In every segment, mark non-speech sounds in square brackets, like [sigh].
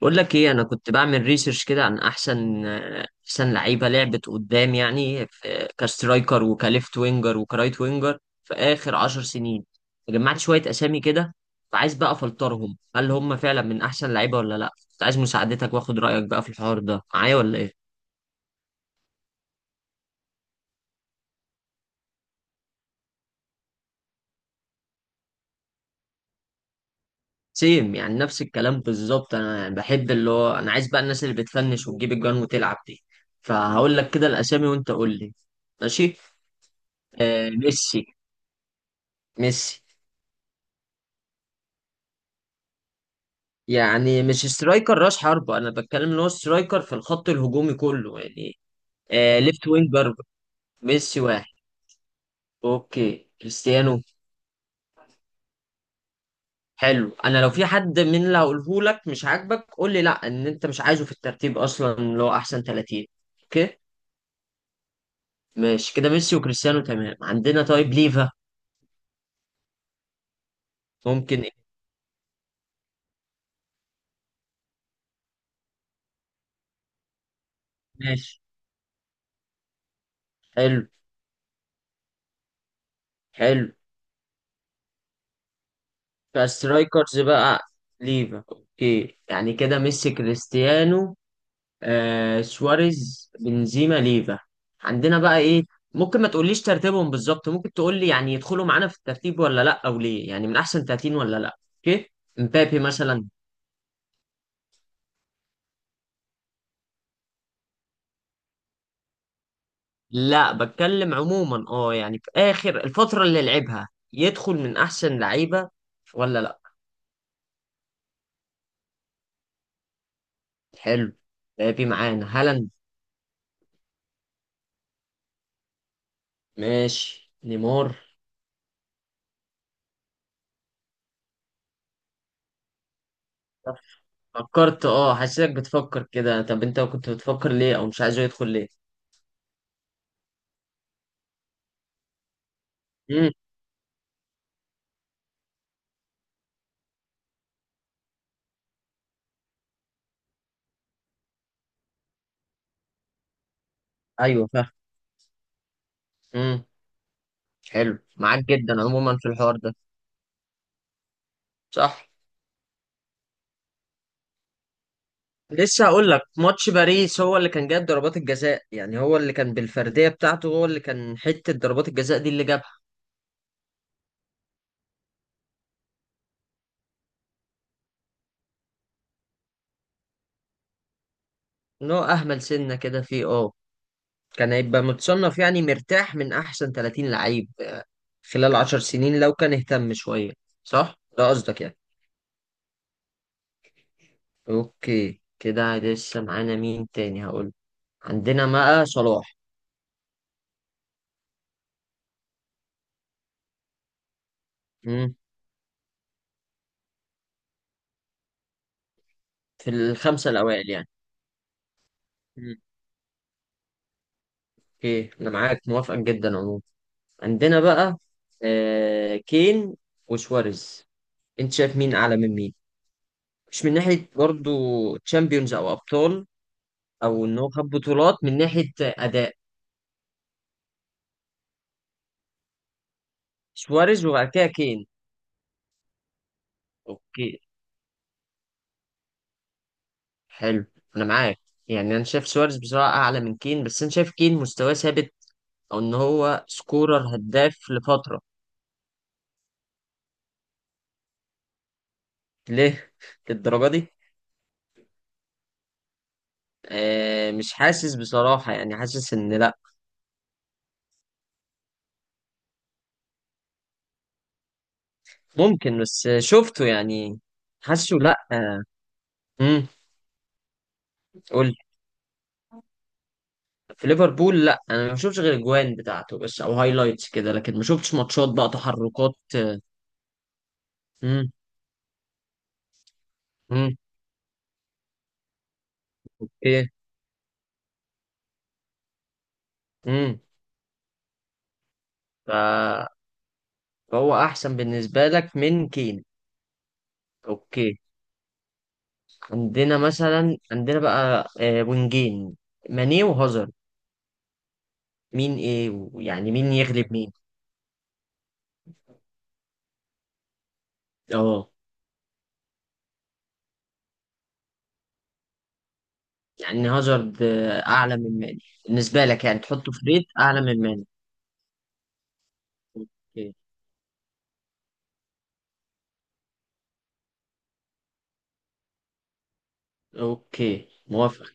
بقول لك ايه، انا كنت بعمل ريسيرش كده عن احسن لعيبه لعبت قدام يعني في كسترايكر وكليفت وينجر وكرايت وينجر في اخر عشر سنين. جمعت شويه اسامي كده، فعايز بقى افلترهم، هل هم فعلا من احسن لعيبه ولا لا؟ كنت عايز مساعدتك واخد رايك بقى في الحوار ده معايا، ولا ايه؟ سيم يعني، نفس الكلام بالظبط. انا يعني بحب اللي هو، انا عايز بقى الناس اللي بتفنش وتجيب الجوان وتلعب دي. فهقول لك كده الاسامي وانت قول لي. ماشي. آه، ميسي. ميسي يعني مش سترايكر راس حربة، انا بتكلم ان هو سترايكر في الخط الهجومي كله يعني. آه، ليفت وينج جاربر. ميسي واحد. اوكي، كريستيانو. حلو. انا لو في حد من اللي هقوله لك مش عاجبك قول لي لا، ان انت مش عايزه في الترتيب اصلا، اللي هو احسن 30. اوكي. ماشي كده، ميسي وكريستيانو تمام عندنا. طيب ليفا؟ ممكن إيه؟ ماشي. حلو. حلو. فسترايكرز بقى. ليفا اوكي، يعني كده ميسي، كريستيانو، آه، سواريز، بنزيما، ليفا. عندنا بقى ايه؟ ممكن ما تقوليش ترتيبهم بالظبط، ممكن تقولي يعني يدخلوا معانا في الترتيب ولا لا، او ليه، يعني من احسن 30 ولا لا. اوكي. مبابي مثلا؟ لا، بتكلم عموما، اه يعني في اخر الفترة اللي لعبها، يدخل من احسن لعيبة ولا لا. حلو. مبابي معانا، هالاند. ماشي، نيمار. طب فكرت، اه حسيتك بتفكر كده، طب انت كنت بتفكر ليه، او مش عايزه يدخل ليه؟ امم ايوه، فاهم. امم حلو، معاك جدا عموما في الحوار ده. صح. لسه هقول لك، ماتش باريس هو اللي كان جايب ضربات الجزاء، يعني هو اللي كان بالفرديه بتاعته، هو اللي كان حته ضربات الجزاء دي اللي جابها. ان هو اهمل سنه كده فيه، اه، كان هيبقى متصنف يعني مرتاح من احسن 30 لعيب خلال 10 سنين لو كان اهتم شويه. صح، ده قصدك يعني. اوكي، كده لسه معانا مين تاني هقول؟ عندنا بقى صلاح. مم. في الخمسه الاوائل يعني. مم. اوكي، انا معاك موافق جدا عموما. عندنا بقى، آه، كين وسواريز. انت شايف مين اعلى من مين؟ مش من ناحية برضو تشامبيونز او ابطال، او ان هو خد بطولات، من ناحية اداء. سواريز وبعد كده كين. اوكي. حلو. انا معاك، يعني انا شايف سواريز بصراحة اعلى من كين، بس انا شايف كين مستواه ثابت، او ان هو سكورر هداف لفترة. ليه [laughs] للدرجة دي؟ آه، مش حاسس بصراحة، يعني حاسس ان لا. ممكن، بس شفته يعني. حاسه لا. آه. قول. في ليفربول، لا انا ما شفتش غير الجوان بتاعته بس، او هايلايتس كده، لكن ما شفتش ماتشات بقى، تحركات. امم امم ايه؟ امم ف... فهو احسن بالنسبه لك من كين. اوكي. عندنا مثلا، عندنا بقى آه، وينجين، ماني وهازارد. مين ايه، ويعني مين يغلب مين؟ اه. يعني هازارد آه، اعلى من ماني بالنسبه لك، يعني تحطه في ريت اعلى من ماني. اوكي. اوكي، موافق.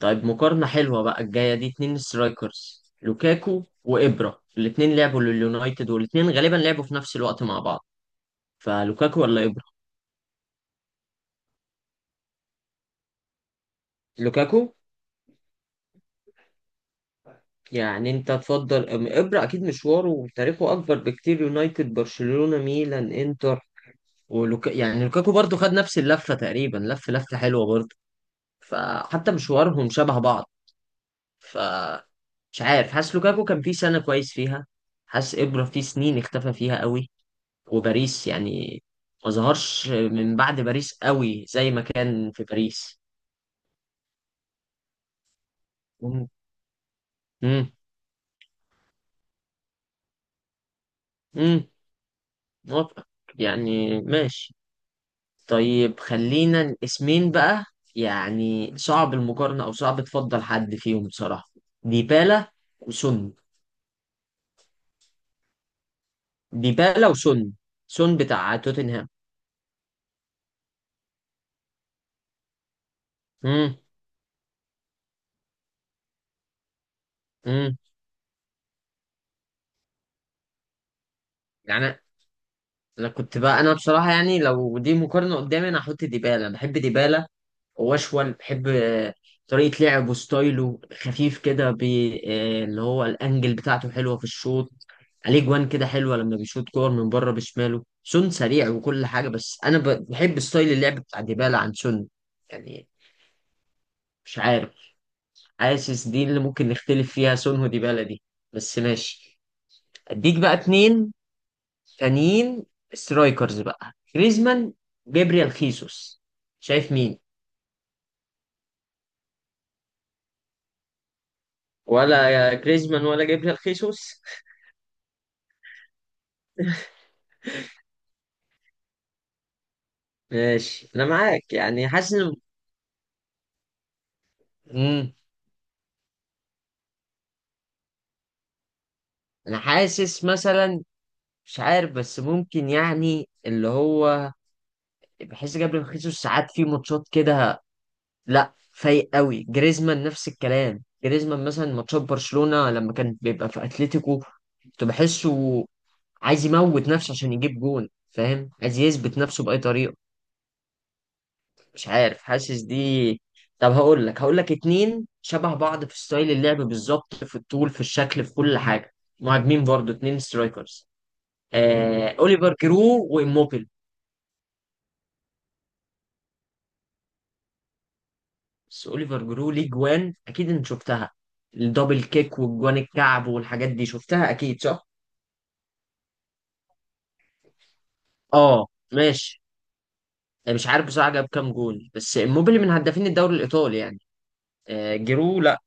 طيب مقارنة حلوة بقى الجاية دي، اتنين سترايكرز، لوكاكو وإبرا. الاتنين لعبوا لليونايتد، والاتنين غالبا لعبوا في نفس الوقت مع بعض. فلوكاكو ولا إبرا؟ لوكاكو؟ يعني انت تفضل إبرا اكيد مشواره وتاريخه اكبر بكتير، يونايتد، برشلونة، ميلان، انتر. ولوكا يعني لوكاكو برضو خد نفس اللفة تقريبا، لف لفة حلوة برضو، فحتى مشوارهم شبه بعض. فمش عارف، حاسس لوكاكو كان فيه سنة كويس فيها، حاسس إبرا فيه سنين اختفى فيها قوي، وباريس يعني ما ظهرش من بعد باريس قوي زي ما كان في باريس. مم. امم امم موافقة، يعني ماشي. طيب، خلينا الاسمين بقى، يعني صعب المقارنة او صعب تفضل حد فيهم بصراحة، ديبالا وسون. ديبالا وسون، سون بتاع توتنهام. امم امم يعني انا كنت بقى، انا بصراحة يعني لو دي مقارنة قدامي انا هحط ديبالا، بحب ديبالا واشول، بحب آه، طريقة لعبه، ستايله خفيف كده، آه، اللي هو الانجل بتاعته حلوة في الشوط، عليه جوان كده حلوة لما بيشوط كور من بره بشماله. سون سريع وكل حاجة، بس انا بحب ستايل اللعب بتاع ديبالا عن سون، يعني مش عارف. حاسس دي اللي ممكن نختلف فيها، سون وديبالا دي، بس ماشي. اديك بقى اتنين تانيين، سترايكرز بقى، جريزمان، جابريال خيسوس. شايف مين؟ ولا يا جريزمان ولا جابريال خيسوس؟ ماشي، انا معاك، يعني حاسس امم انا حاسس مثلا، مش عارف، بس ممكن يعني اللي هو، بحس جابريل خيسوس ساعات في ماتشات كده لا فايق قوي. جريزمان نفس الكلام، جريزمان مثلا ماتشات برشلونة لما كان بيبقى في اتلتيكو، كنت بحسه عايز يموت نفسه عشان يجيب جون، فاهم، عايز يثبت نفسه بأي طريقة. مش عارف، حاسس دي. طب هقول لك اتنين شبه بعض في ستايل اللعب بالظبط، في الطول، في الشكل، في كل حاجه، مهاجمين برضو، اتنين سترايكرز، اوليفر جرو واموبيل. بس اوليفر جرو ليه جوان اكيد انت شفتها، الدبل كيك، والجوان الكعب، والحاجات دي شفتها اكيد، صح؟ اه ماشي، مش عارف بصراحه جاب كام جول، بس اموبيل من هدافين الدوري الايطالي يعني. جرو لا،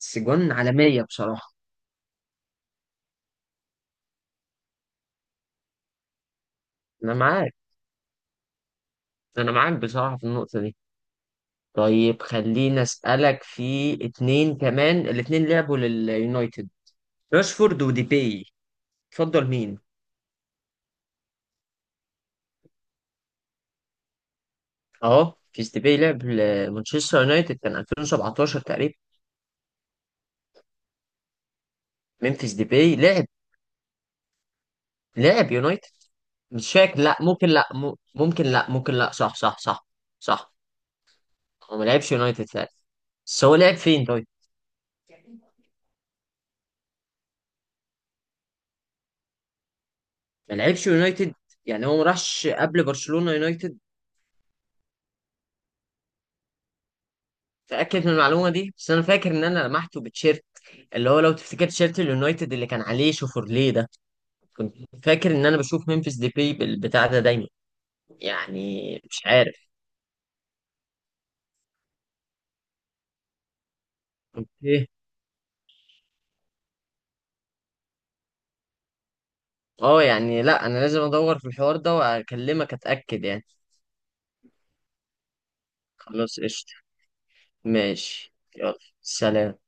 بس جوان عالميه بصراحه. انا معاك، انا معاك بصراحه في النقطه دي. طيب خليني أسألك في اتنين كمان، الاتنين لعبوا لليونايتد، راشفورد وديباي، تفضل مين؟ اه، ممفيس ديباي لعب لمانشستر يونايتد كان 2017 تقريبا. ممفيس ديباي لعب، لعب يونايتد. مش فاكر، لا ممكن، لا م- ممكن لا، ممكن لا، صح. هو ما لعبش يونايتد فعلا. بس هو لعب فين طيب؟ ما لعبش يونايتد، يعني هو ما راحش قبل برشلونة يونايتد؟ تأكد من المعلومة دي، بس أنا فاكر إن أنا لمحته بتشيرت، اللي هو لو تفتكر تيشيرت اليونايتد اللي كان عليه شوفورليه ده، كنت فاكر ان انا بشوف ممفيس ديباي بالبتاع ده دايما. يعني مش عارف. اوكي. اه يعني لا، انا لازم ادور في الحوار ده واكلمك اتاكد يعني. خلاص قشطه. ماشي، يلا. سلام.